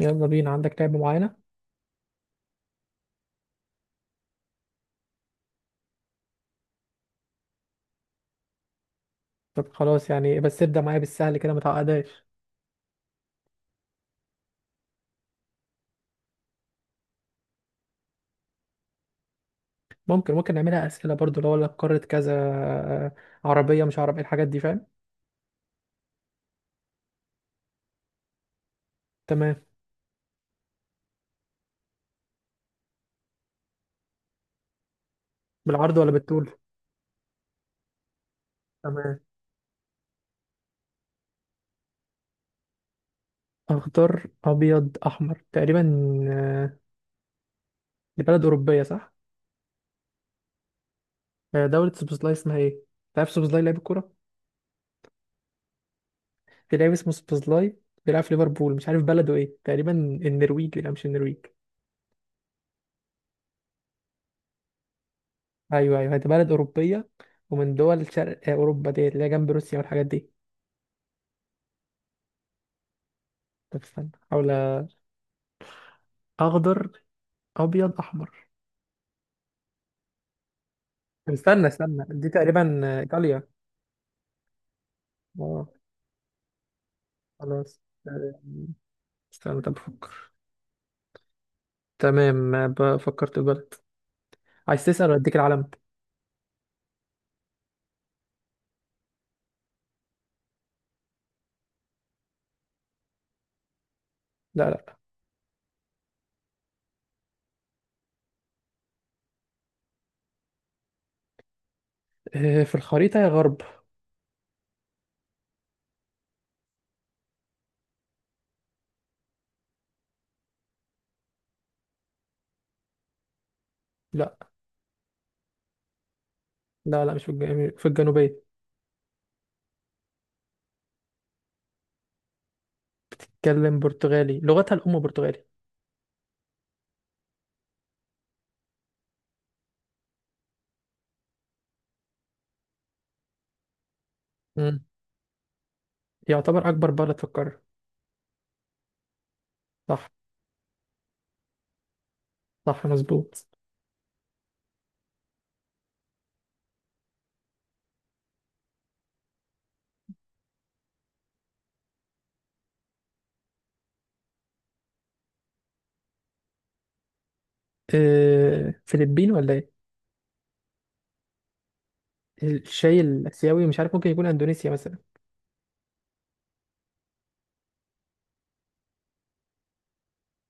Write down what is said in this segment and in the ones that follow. يلا بينا. عندك لعبة معينة؟ طب خلاص يعني، بس ابدأ معايا بالسهل كده، ما تعقدهاش. ممكن نعملها أسئلة برضو؟ لو اقول لك قارة كذا، آه، عربية مش عربية، الحاجات دي فاهم؟ تمام. بالعرض ولا بالطول؟ تمام. أخضر أبيض أحمر تقريبا. آه، دي بلد أوروبية صح؟ دولة سوبوزلاي، اسمها إيه؟ تعرف سوبوزلاي لاعب الكورة؟ في لاعب اسمه سوبوزلاي، بيلعب في ليفربول. مش عارف بلده إيه، تقريبا النرويج، لا مش النرويج. أيوه أيوه، دي بلد أوروبية. ومن دول شرق أوروبا ديت، اللي هي جنب روسيا والحاجات دي. طب استنى، حاول. اخضر ابيض احمر. طب استنى، دي تقريبا ايطاليا. اه خلاص. آه، استنى طب بفكر. تمام، فكرت في البلد. عايز تسأل ولا اديك العلم؟ لا لا. في الخريطة يا غرب. لا لا لا، مش في الجنوب، في الجنوبية. تتكلم برتغالي، لغتها الأم برتغالي. مم. يعتبر أكبر بلد في القارة. صح. صح مظبوط. فلبين ولا إيه؟ الشاي الآسيوي مش عارف، ممكن يكون أندونيسيا مثلا.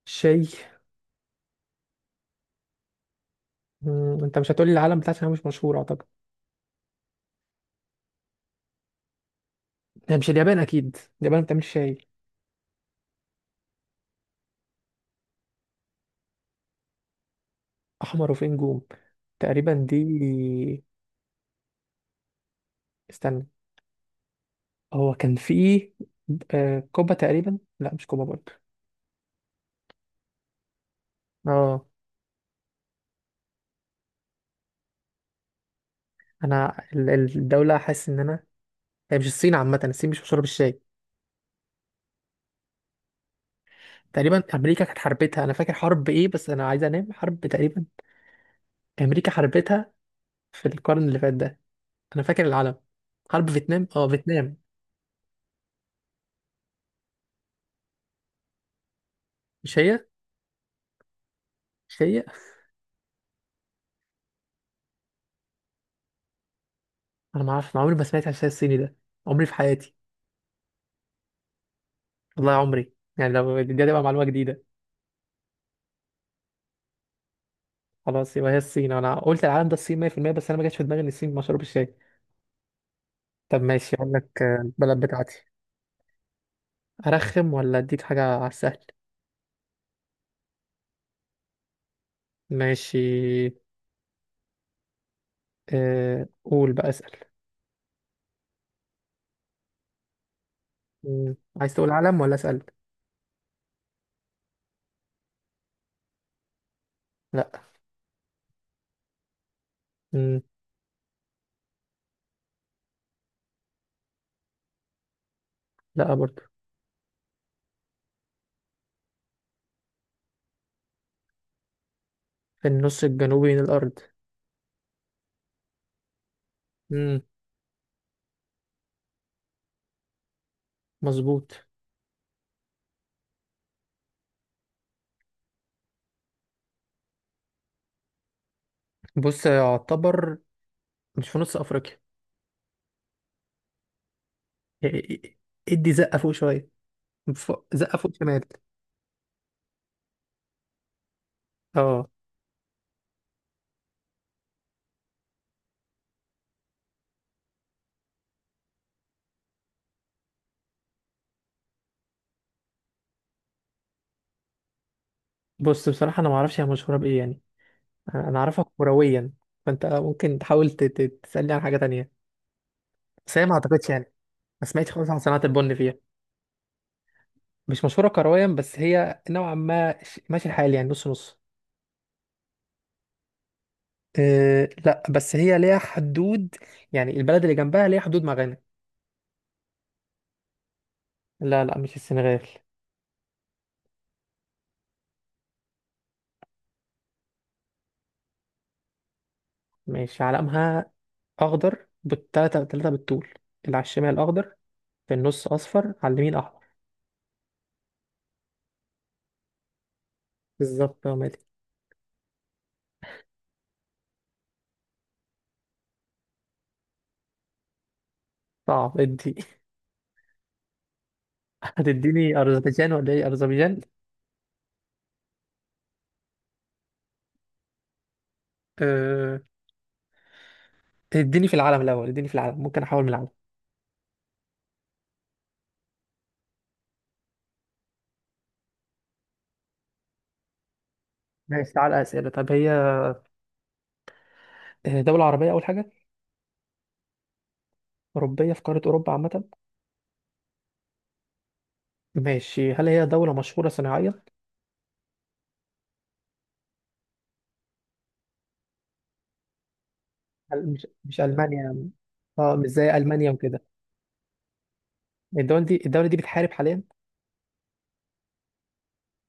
شاي. انت مش هتقولي العالم بتاعتنا مش مشهور اعتقد. هي مش اليابان اكيد؟ اليابان بتعمل شاي. احمر وفيه نجوم، تقريبا دي. استنى. هو كان في، كوبا تقريبا. لا مش كوبا برضه. اه، انا الدوله، حاسس ان انا. هي مش الصين؟ عامه الصين مش مشهوره بالشاي. تقريبا امريكا كانت حربتها، انا فاكر حرب ايه، بس انا عايز انام. حرب تقريبا امريكا حربتها في القرن اللي فات ده. انا فاكر العالم. حرب فيتنام، اه فيتنام. مش هي، مش هي. انا ما اعرفش، عمري ما سمعت عن الشاي الصيني ده عمري في حياتي، والله عمري. يعني لو دي هتبقى معلومه جديده. خلاص يبقى هي الصين، انا قلت العالم ده الصين 100%، بس انا ما جاتش في دماغي ان الصين مشروب الشاي. طب ماشي، اقول لك البلد بتاعتي. ارخم ولا اديك حاجه على السهل؟ ماشي. أه قول بقى، اسال. مم. عايز تقول عالم ولا اسال؟ لا. مم. لا برضه. في النص الجنوبي من الارض. مم. مظبوط. بص، يعتبر. مش في نص افريقيا. إيه- إيه- إيه. ادي زقه فوق شويه. زقه فوق شمال. اه. بص بصراحة أنا معرفش هي مشهورة بإيه يعني، أنا أعرفها كرويا. فأنت ممكن تحاول تسألني عن حاجة تانية، بس هي ما أعتقدش يعني. ما سمعتش خالص عن صناعة البن فيها. مش مشهورة كرويا، بس هي نوعا ما ماشي الحال يعني، نص نص. أه لا، بس هي ليها حدود، يعني البلد اللي جنبها ليها حدود مع غانا. لا لا، مش السنغال. ماشي، علمها أخضر بالتلاتة، تلاتة بالطول، اللي على الشمال أخضر، في النص أصفر، على اليمين أحمر. بالظبط يا مالك. صعب ادي. هتديني أذربيجان ولا إيه؟ أذربيجان. أه... اديني في العالم الأول، اديني في العالم ممكن أحاول من العالم. ماشي، تعالى أسئلة. طب هي دولة عربية أول حاجة؟ أوروبية، في قارة أوروبا عامة. ماشي، هل هي دولة مشهورة صناعيا؟ هل مش ألمانيا؟ اه مش زي ألمانيا وكده. الدولة دي بتحارب حاليا؟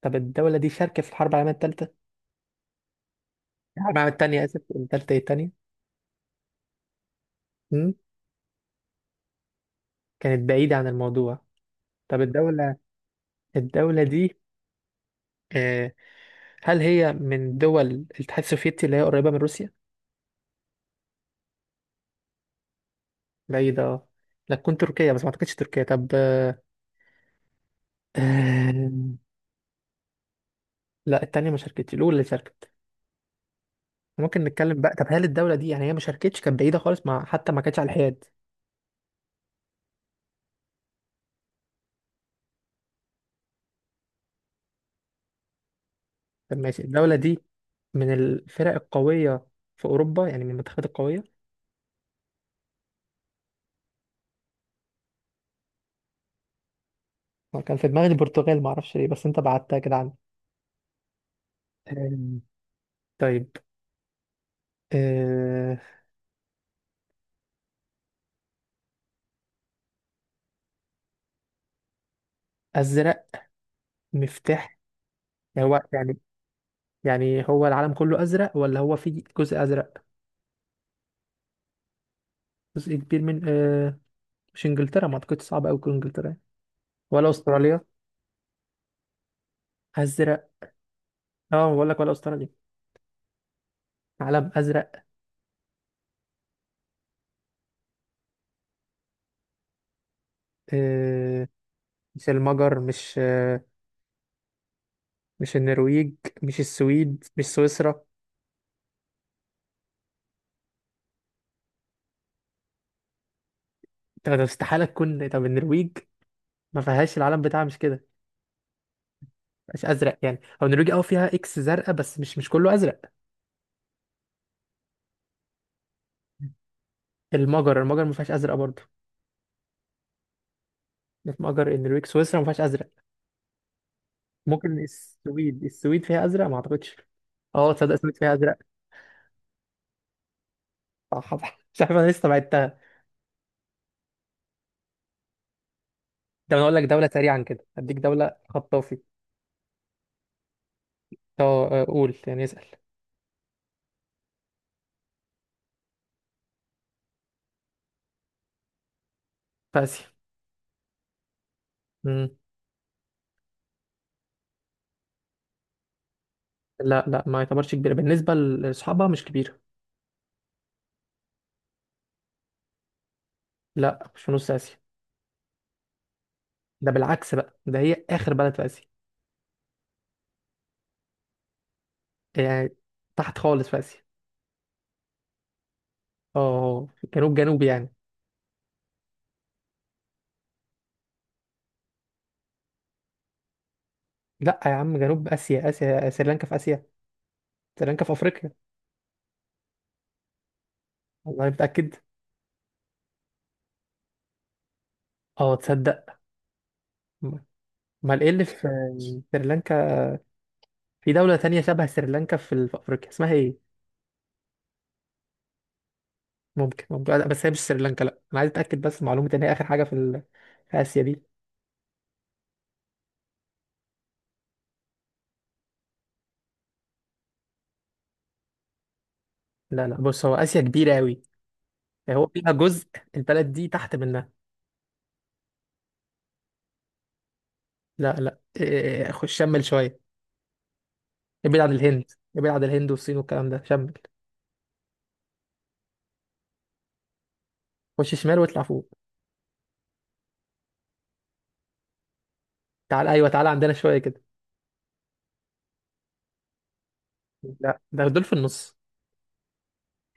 طب الدولة دي شاركة في الحرب العالمية الثالثة؟ الحرب العالمية الثانية آسف، الثالثة إيه، الثانية. مم؟ كانت بعيدة عن الموضوع. طب الدولة، الدولة دي، آه، هل هي من دول الاتحاد السوفيتي اللي هي قريبة من روسيا؟ بعيدة اه. لا تكون تركيا؟ بس ما اعتقدش تركيا. طب آم، لا التانية ما شاركتش، الأولى اللي شاركت. ممكن نتكلم بقى؟ طب هل الدولة دي يعني هي ما شاركتش، كانت بعيدة خالص، مع حتى ما كانتش على الحياد؟ طب ماشي، الدولة دي من الفرق القوية في أوروبا يعني، من المنتخبات القوية؟ أنا كان في دماغي البرتغال، ما اعرفش ليه، بس أنت بعتها كده عني. آم، طيب، آه، أزرق مفتاح؟ يعني هو يعني، يعني هو العالم كله أزرق ولا هو في جزء أزرق؟ جزء كبير من مش انجلترا؟ ما اعتقدش صعب قوي تكون انجلترا يعني. ولا استراليا؟ ازرق. اه بقول لك، ولا استراليا؟ علم ازرق. آه. مش المجر، مش النرويج، مش السويد، مش سويسرا. طب طب استحاله تكون، طب النرويج ما فيهاش، العلم بتاعها مش كده، مش ازرق يعني. او النرويج اه فيها اكس زرقاء، بس مش، مش كله ازرق. المجر، المجر ما فيهاش ازرق برضه. المجر النرويج سويسرا ما فيهاش ازرق. ممكن السويد، السويد فيها ازرق ما اعتقدش. اه تصدق السويد فيها ازرق. صح صح. مش عارف انا لسه بعدتها. ده انا اقول لك دولة سريعا كده، اديك دولة خطافي. اه قول يعني، اسأل. في اسيا. مم. لا لا، ما يعتبرش كبيرة، بالنسبة لاصحابها مش كبيرة. لا مش في نص اسيا. ده بالعكس بقى، ده هي اخر بلد في اسيا. يعني تحت خالص في اسيا. اه في جنوب، جنوب يعني. لا يا عم، جنوب اسيا، اسيا سريلانكا في اسيا، سريلانكا في افريقيا. والله متأكد. اه تصدق. امال ايه اللي في سريلانكا؟ في دولة تانية شبه سريلانكا في افريقيا، اسمها ايه؟ ممكن ممكن، لا بس هي مش سريلانكا، لا انا عايز اتاكد بس من معلومه ان هي اخر حاجه في في اسيا دي. لا لا، بص هو اسيا كبيره قوي، هو فيها جزء، البلد دي تحت منها. لا لا، خش شمل شويه، ابعد عن الهند. ابعد عن الهند والصين والكلام ده، شمل. خش شمال واطلع فوق. تعال ايوه، تعال عندنا شويه كده. لا ده دول في النص،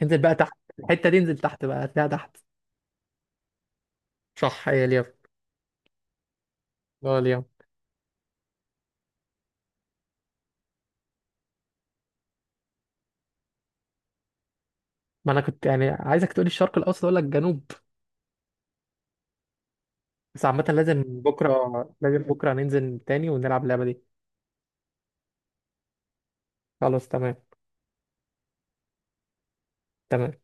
انزل بقى تحت. الحته دي انزل تحت بقى، هتلاقيها تحت. صح هي اليمن. اه اليمن. ما انا كنت يعني عايزك تقولي الشرق الاوسط، اقول لك جنوب. بس عامه لازم بكره، لازم بكره ننزل تاني ونلعب اللعبه دي. خلاص تمام. تمام.